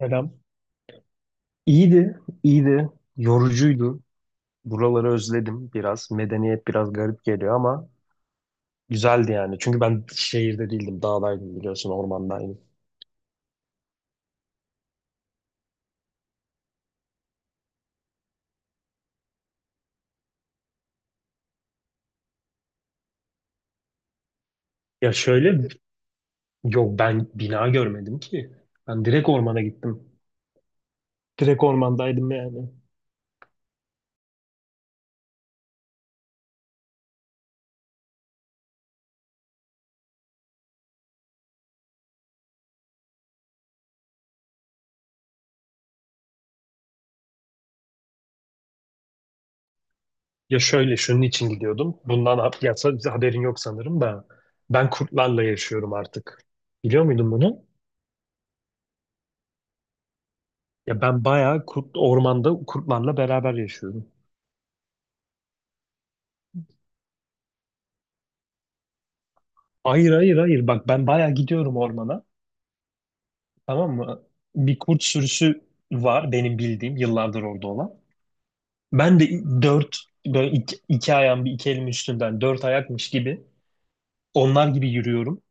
Selam. İyiydi, iyiydi. Yorucuydu. Buraları özledim biraz. Medeniyet biraz garip geliyor ama güzeldi yani. Çünkü ben şehirde değildim, dağdaydım biliyorsun, ormandaydım. Ya şöyle, yok ben bina görmedim ki. Ben direkt ormana gittim. Direkt ormandaydım yani. Ya şöyle, şunun için gidiyordum. Bundan ya, haberin yok sanırım da. Ben kurtlarla yaşıyorum artık. Biliyor muydun bunu? Ya ben bayağı ormanda kurtlarla beraber yaşıyorum. Hayır, hayır, hayır, bak ben bayağı gidiyorum ormana, tamam mı? Bir kurt sürüsü var benim bildiğim, yıllardır orada olan. Ben de dört böyle iki ayağım bir iki elim üstünden dört ayakmış gibi onlar gibi yürüyorum.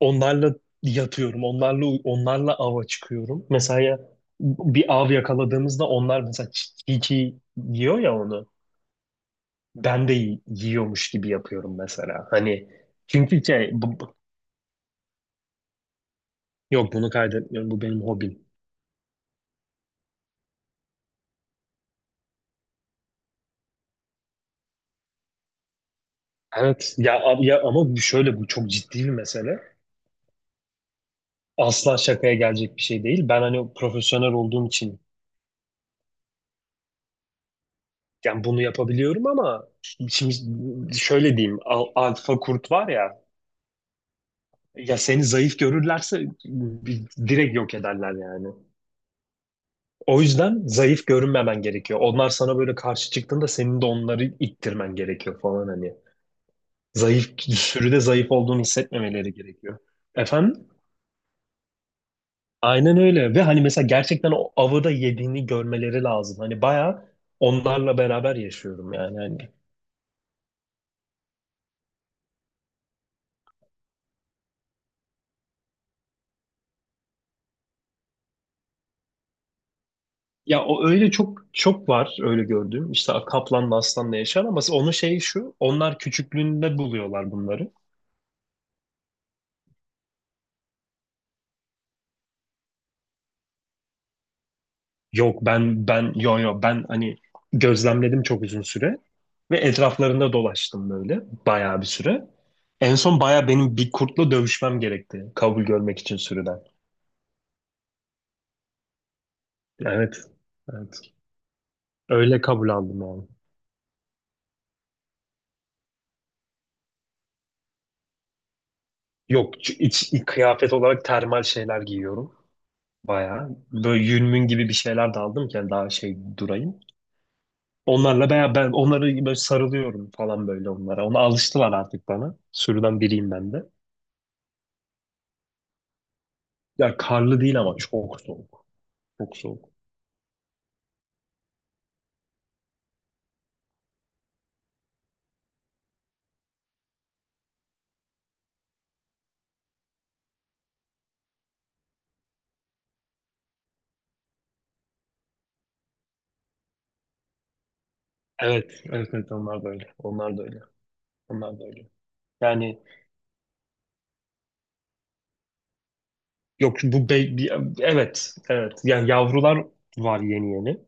Onlarla yatıyorum, onlarla ava çıkıyorum. Mesela bir av yakaladığımızda onlar mesela çiğ yiyor ya onu. Ben de yiyormuş gibi yapıyorum mesela. Hani çünkü şey yok, bunu kaydetmiyorum, bu benim hobim. Evet ya, ya ama bu çok ciddi bir mesele. Asla şakaya gelecek bir şey değil. Ben hani profesyonel olduğum için yani bunu yapabiliyorum ama şimdi şöyle diyeyim, alfa kurt var ya, ya seni zayıf görürlerse direkt yok ederler yani. O yüzden zayıf görünmemen gerekiyor. Onlar sana böyle karşı çıktığında senin de onları ittirmen gerekiyor falan hani. Sürüde zayıf olduğunu hissetmemeleri gerekiyor. Efendim? Aynen öyle, ve hani mesela gerçekten o avı da yediğini görmeleri lazım. Hani bayağı onlarla beraber yaşıyorum yani hani. Ya o öyle çok çok var, öyle gördüğüm. İşte kaplanla aslanla yaşar ama onun şeyi şu: onlar küçüklüğünde buluyorlar bunları. Yok, ben ben yo yo ben hani gözlemledim çok uzun süre ve etraflarında dolaştım böyle, bayağı bir süre. En son bayağı benim bir kurtla dövüşmem gerekti kabul görmek için sürüden. Evet. Evet. Öyle kabul aldım yani. Yok, iç kıyafet olarak termal şeyler giyiyorum. Bayağı. Böyle yünmün gibi bir şeyler de aldım ki yani daha şey durayım. Onlarla bayağı, ben onları böyle sarılıyorum falan, böyle onlara. Ona alıştılar artık, bana. Sürüden biriyim ben de. Ya karlı değil ama çok soğuk. Çok soğuk. Evet, evet, evet, onlar da öyle. Onlar da öyle. Onlar da öyle. Yani yok bu evet, evet. Yani yavrular var yeni yeni.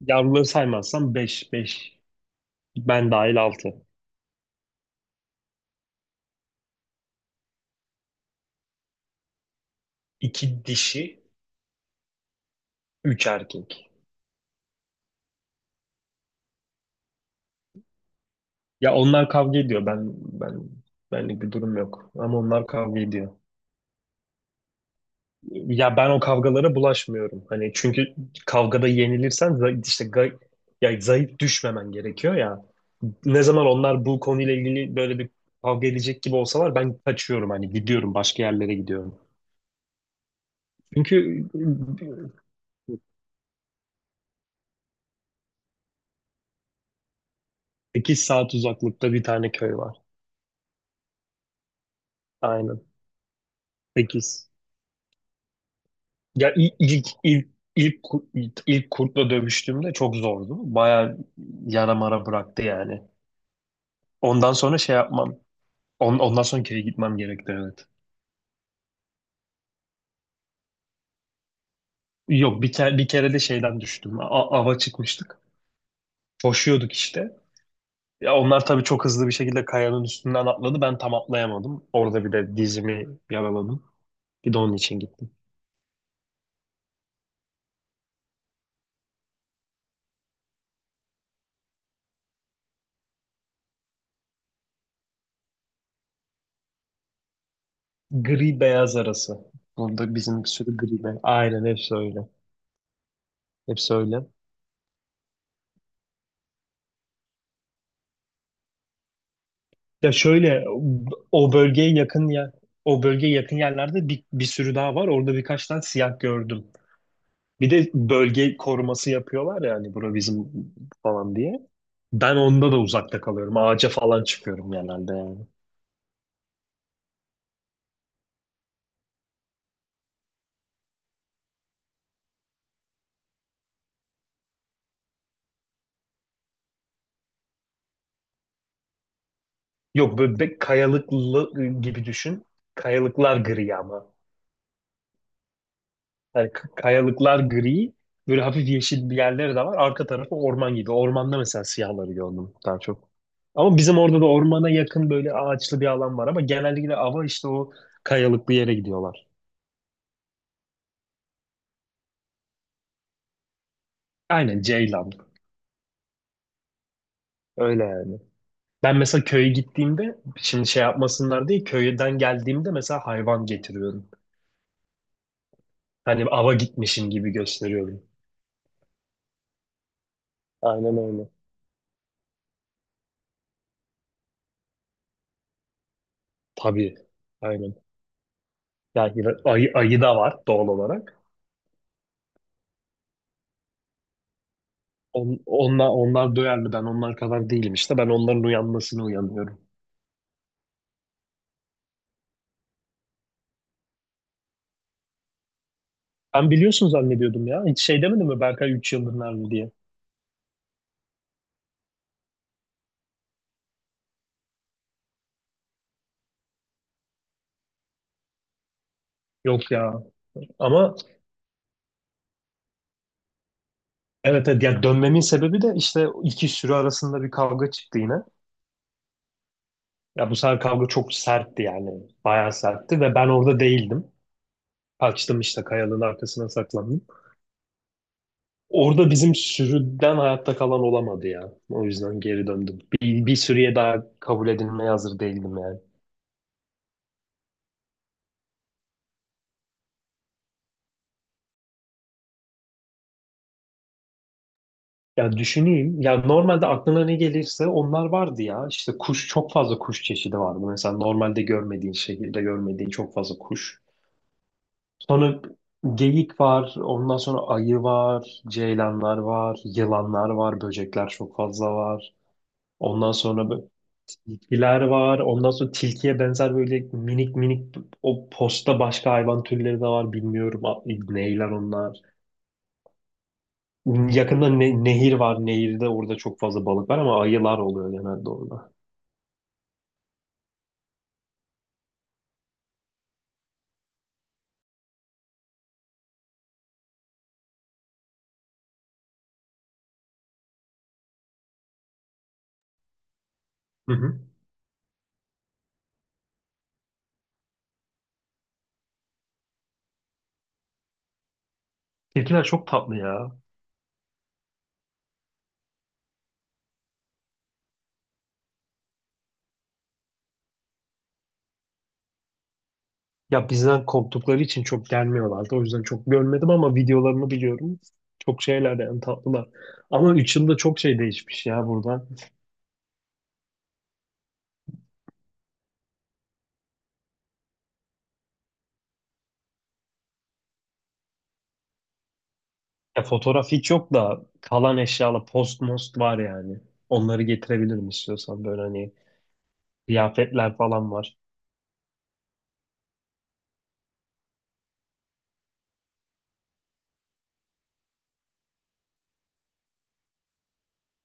Yavruları saymazsam beş ben dahil altı. İki dişi. Üç erkek. Ya onlar kavga ediyor. Ben benlik bir durum yok. Ama onlar kavga ediyor. Ya ben o kavgalara bulaşmıyorum. Hani çünkü kavgada yenilirsen işte ya zayıf düşmemen gerekiyor ya. Ne zaman onlar bu konuyla ilgili böyle bir kavga edecek gibi olsalar ben kaçıyorum, hani gidiyorum, başka yerlere gidiyorum. Çünkü 8 saat uzaklıkta bir tane köy var. Aynen. 8. Ya ilk kurtla dövüştüğümde çok zordu. Baya yara mara bıraktı yani. Ondan sonra şey yapmam. Ondan sonra kere gitmem gerekti, evet. Yok, bir kere de şeyden düştüm. Ava çıkmıştık. Koşuyorduk işte. Ya onlar tabii çok hızlı bir şekilde kayanın üstünden atladı. Ben tam atlayamadım. Orada bir de dizimi yaraladım. Bir de onun için gittim. Gri beyaz arası. Burada bizim bir sürü gri beyaz. Aynen, hepsi öyle. Hepsi öyle. Ya şöyle, o bölgeye yakın yer o bölgeye yakın yerlerde bir sürü daha var. Orada birkaç tane siyah gördüm. Bir de bölge koruması yapıyorlar ya, hani bura bizim falan diye. Ben onda da uzakta kalıyorum. Ağaca falan çıkıyorum genelde yani. Yok, böyle kayalıklı gibi düşün. Kayalıklar gri ama. Yani kayalıklar gri, böyle hafif yeşil bir yerleri de var. Arka tarafı orman gibi. Ormanda mesela siyahları gördüm daha çok. Ama bizim orada da ormana yakın böyle ağaçlı bir alan var, ama genellikle ava işte o kayalıklı yere gidiyorlar. Aynen, ceylan. Öyle yani. Ben mesela köye gittiğimde, şimdi şey yapmasınlar diye, köyden geldiğimde mesela hayvan getiriyorum. Hani ava gitmişim gibi gösteriyorum. Aynen öyle. Tabii. Aynen. Yani ayı da var doğal olarak. Onlar duyarlı, ben onlar kadar değilim, işte ben onların uyanmasını uyanıyorum. Ben biliyorsun zannediyordum ya, hiç şey demedim mi, Berkay 3 yıldır nerede diye. Yok ya, ama evet, evet, ya dönmemin sebebi de işte iki sürü arasında bir kavga çıktı yine. Ya bu sefer kavga çok sertti yani, bayağı sertti, ve ben orada değildim. Kaçtım, işte kayalığın arkasına saklandım. Orada bizim sürüden hayatta kalan olamadı ya. O yüzden geri döndüm. Bir sürüye daha kabul edilmeye hazır değildim yani. Ya düşüneyim. Ya normalde aklına ne gelirse onlar vardı ya. İşte çok fazla kuş çeşidi vardı. Mesela normalde görmediğin, şehirde görmediğin çok fazla kuş. Sonra geyik var. Ondan sonra ayı var. Ceylanlar var. Yılanlar var. Böcekler çok fazla var. Ondan sonra böyle tilkiler var. Ondan sonra tilkiye benzer böyle minik minik, o posta başka hayvan türleri de var. Bilmiyorum neyler onlar. Yakında nehir var. Nehirde, orada çok fazla balık var ama ayılar oluyor genelde orada. Hı hı. Tilkiler çok tatlı ya. Ya bizden korktukları için çok gelmiyorlardı. O yüzden çok görmedim ama videolarını biliyorum. Çok şeyler de, yani tatlılar. Ama 3 yılda çok şey değişmiş ya buradan. Ya fotoğraf hiç yok da, kalan eşyalar post most var yani. Onları getirebilirim istiyorsan, böyle hani kıyafetler falan var.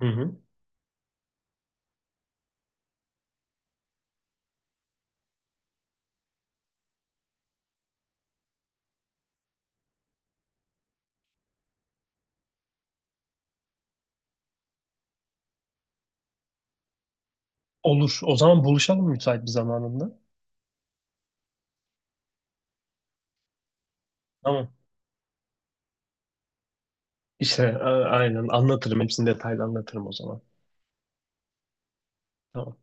Hı hı. Olur. O zaman buluşalım müsait bir zamanında. Tamam. İşte aynen anlatırım. Hepsini detaylı anlatırım o zaman. Tamam.